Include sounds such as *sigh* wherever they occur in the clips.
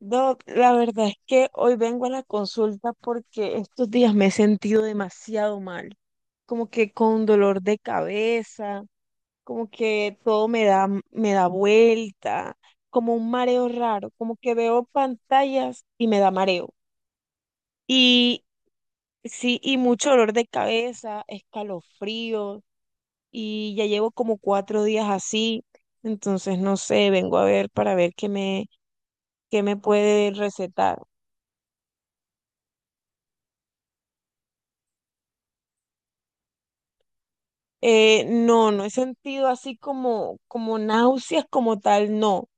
Doc, la verdad es que hoy vengo a la consulta porque estos días me he sentido demasiado mal, como que con dolor de cabeza, como que todo me da vuelta, como un mareo raro, como que veo pantallas y me da mareo. Y sí, y mucho dolor de cabeza, escalofrío, y ya llevo como 4 días así, entonces no sé, vengo a ver para ver qué me puede recetar. No, no he sentido así como náuseas como tal, no,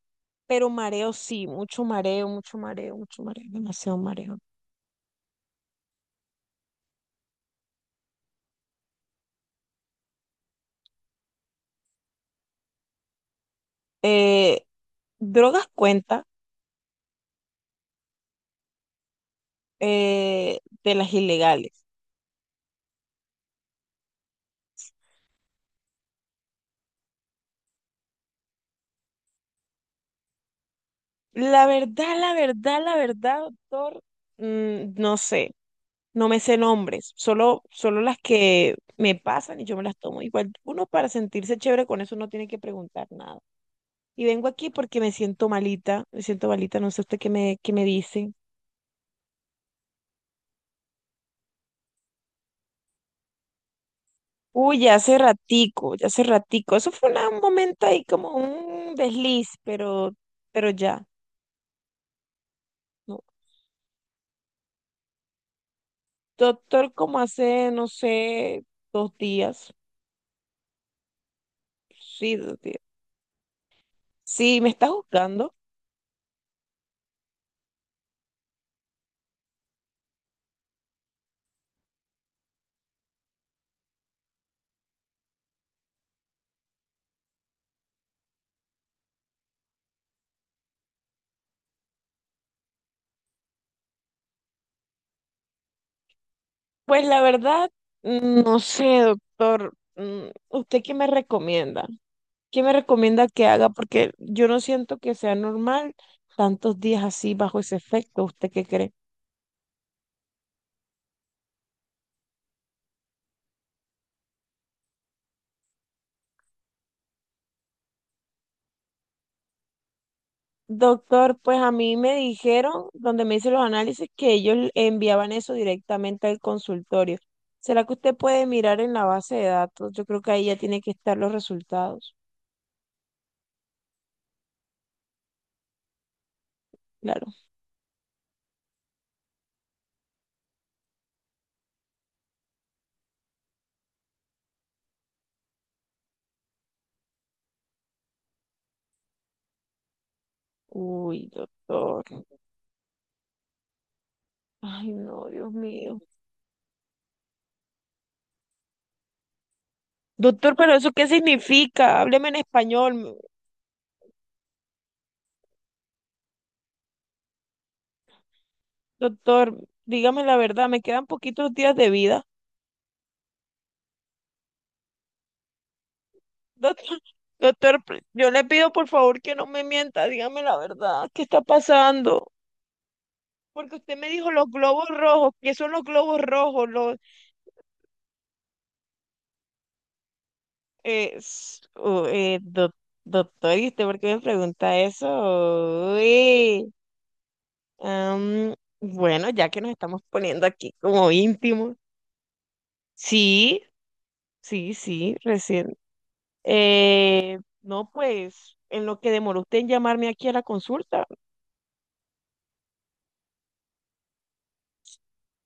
pero mareo sí, mucho mareo, mucho mareo, mucho mareo, demasiado mareo. Eh, Drogas cuenta de las ilegales. La verdad, doctor, no sé, no me sé nombres, solo las que me pasan y yo me las tomo igual. Uno para sentirse chévere con eso no tiene que preguntar nada. Y vengo aquí porque me siento malita, no sé usted qué me dice. Uy, ya hace ratico, ya hace ratico. Eso fue un momento ahí como un desliz, pero ya, no. Doctor, como hace, no sé, 2 días. Sí, 2 días. Sí, me está juzgando. Pues la verdad, no sé, doctor. ¿Usted qué me recomienda? ¿Qué me recomienda que haga? Porque yo no siento que sea normal tantos días así bajo ese efecto. ¿Usted qué cree? Doctor, pues a mí me dijeron, donde me hice los análisis, que ellos enviaban eso directamente al consultorio. ¿Será que usted puede mirar en la base de datos? Yo creo que ahí ya tiene que estar los resultados. Claro. Uy, doctor. Ay, no, Dios mío. Doctor, pero ¿eso qué significa? Hábleme en español. Doctor, dígame la verdad, me quedan poquitos días de vida. *laughs* Doctor, yo le pido por favor que no me mienta, dígame la verdad. ¿Qué está pasando? Porque usted me dijo los globos rojos, ¿qué son los globos rojos? Los, s- u- doc- Doctor, ¿y usted por qué me pregunta eso? Uy, bueno, ya que nos estamos poniendo aquí como íntimos. Sí, sí, recién. No, pues, en lo que demoró usted en llamarme aquí a la consulta.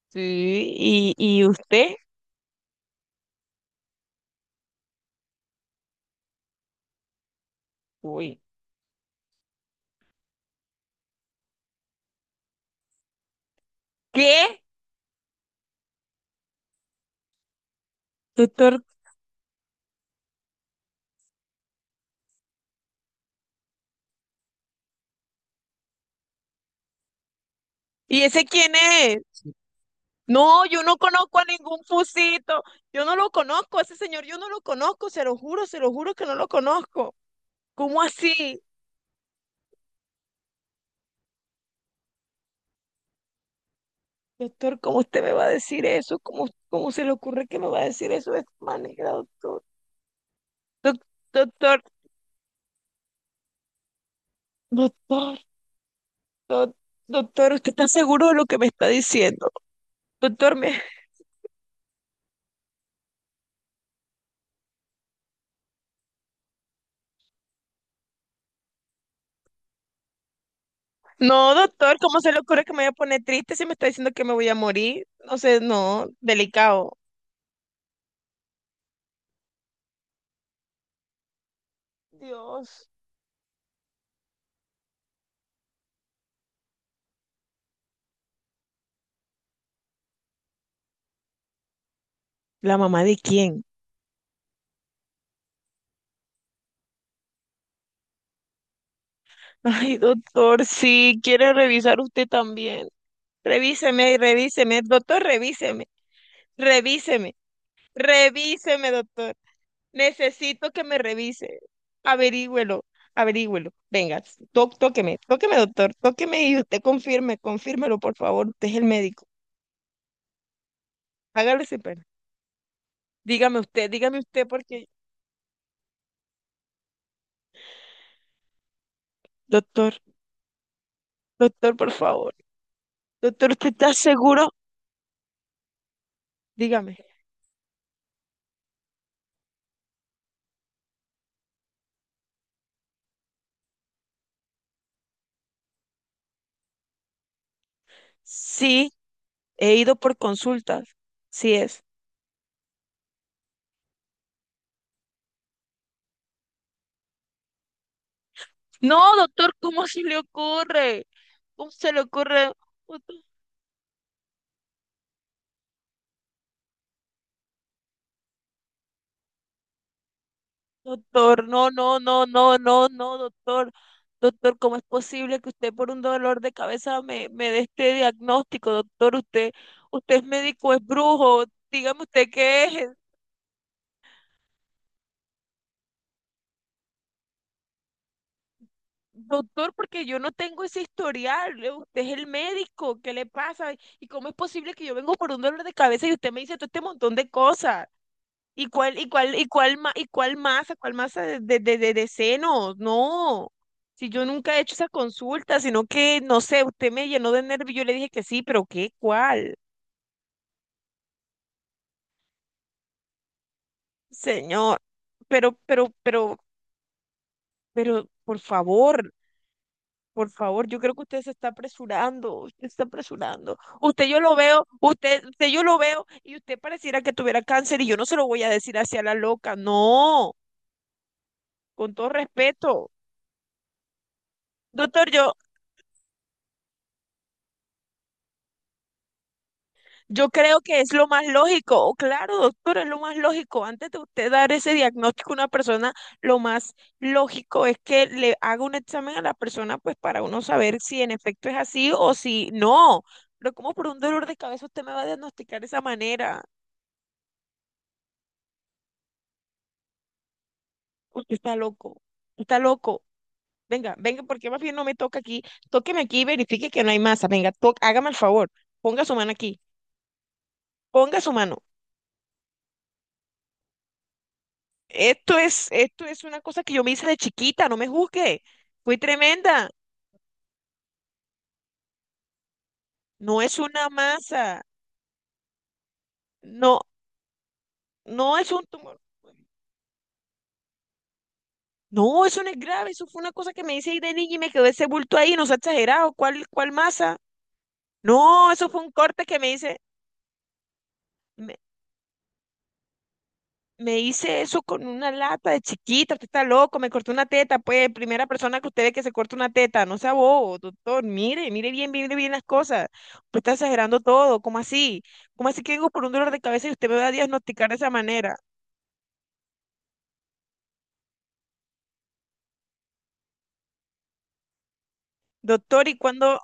Sí, y usted, uy, ¿qué? Doctor, ¿y ese quién es? No, yo no conozco a ningún fusito. Yo no lo conozco, a ese señor, yo no lo conozco, se lo juro que no lo conozco. ¿Cómo así? Doctor, ¿cómo usted me va a decir eso? ¿Cómo se le ocurre que me va a decir eso de esta manera, doctor? Doc- doctor, doctor, doc- Doctor, ¿usted está seguro de lo que me está diciendo? Doctor, me... No, doctor, ¿cómo se le ocurre que me voy a poner triste si me está diciendo que me voy a morir? No sé, no, delicado. Dios. ¿La mamá de quién? Ay, doctor, sí, quiere revisar usted también. Revíseme y revíseme, doctor, revíseme, revíseme, revíseme, doctor. Necesito que me revise. Averígüelo, averígüelo. Venga, tóqueme, tóqueme, doctor, tóqueme y usted confirme, confírmelo, por favor. Usted es el médico. Hágale sin pena. Dígame usted, porque. Doctor, Doctor, por favor. Doctor, ¿usted está seguro? Dígame. Sí, he ido por consultas. Sí es. No, doctor, ¿cómo se le ocurre? ¿Cómo se le ocurre? Doctor, no, doctor. Doctor, ¿cómo es posible que usted por un dolor de cabeza me dé este diagnóstico, doctor? Usted es médico, es brujo. Dígame usted qué es. Doctor, porque yo no tengo ese historial. Usted es el médico. ¿Qué le pasa? ¿Y cómo es posible que yo vengo por un dolor de cabeza y usted me dice todo este montón de cosas? ¿Y cuál, y cuál, y cuál, ma- y cuál masa, cuál masa de senos? No, si yo nunca he hecho esa consulta, sino que, no sé, usted me llenó de nervio, yo le dije que sí, pero ¿qué? ¿Cuál? Señor, pero, pero, pero, pero, por favor, yo creo que usted se está apresurando, usted se está apresurando. Usted yo lo veo, usted yo lo veo, y usted pareciera que tuviera cáncer, y yo no se lo voy a decir hacia la loca, no, con todo respeto. Doctor, yo, Yo creo que es lo más lógico, o claro, doctor, es lo más lógico. Antes de usted dar ese diagnóstico a una persona, lo más lógico es que le haga un examen a la persona, pues para uno saber si en efecto es así o si no. ¿Pero como por un dolor de cabeza usted me va a diagnosticar de esa manera? Usted está loco, está loco. Venga, venga, porque más bien no me toca aquí. Tóqueme aquí y verifique que no hay masa. Venga, hágame el favor, ponga su mano aquí, ponga su mano. Esto es una cosa que yo me hice de chiquita, no me juzgue. Fui tremenda. No es una masa. No, no es un tumor. No, eso no es grave. Eso fue una cosa que me hice ahí de niña y me quedó ese bulto ahí. No se ha exagerado. ¿Cuál masa? No, eso fue un corte que me hice. Me hice eso con una lata de chiquita, usted está loco, me cortó una teta, pues, primera persona que usted ve que se corta una teta, no sea bobo, doctor, mire, mire bien las cosas, usted está exagerando todo, ¿cómo así? ¿Cómo así que vengo por un dolor de cabeza y usted me va a diagnosticar de esa manera? Doctor, ¿y cuándo?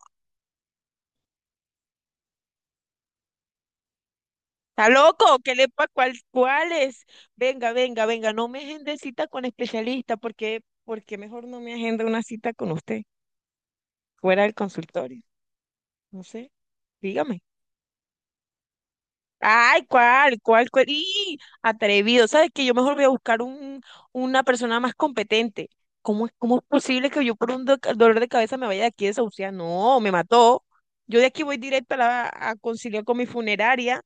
¿Está loco? ¿Qué le pasa? ¿Cuál, cuáles? Venga, venga, no me agende cita con especialista, porque mejor no me agenda una cita con usted, fuera del consultorio, no sé, dígame. Ay, ¿cuál? ¿Cuál? ¿Cuál? ¡Y atrevido! ¿Sabes qué? Yo mejor voy a buscar una persona más competente. ¿Cómo es posible que yo por un dolor de cabeza me vaya de aquí a desahuciar? No, me mató. Yo de aquí voy directo a, la- a conciliar con mi funeraria.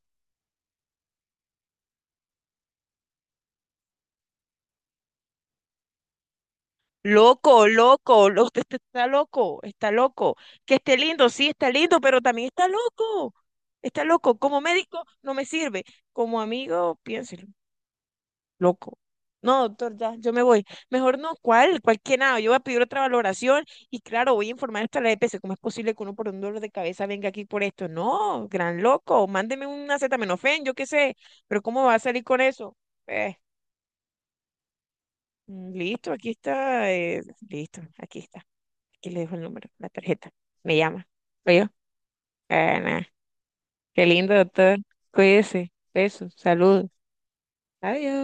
Loco, loco, usted está loco, está loco. Que esté lindo, sí, está lindo, pero también está loco. Está loco. Como médico no me sirve. Como amigo, piénselo. Loco. No, doctor, ya, yo me voy. Mejor no, ¿cuál? ¿Cuál que nada? Yo voy a pedir otra valoración y claro, voy a informar hasta la EPS. ¿Cómo es posible que uno por un dolor de cabeza venga aquí por esto? No, gran loco, mándeme un acetaminofén, yo qué sé, pero ¿cómo va a salir con eso? Eh, Listo, aquí está, listo, aquí está. Aquí le dejo el número, la tarjeta. Me llama. ¿Oye? Ah, nah. Qué lindo, doctor. Cuídese. Besos, saludos. Adiós.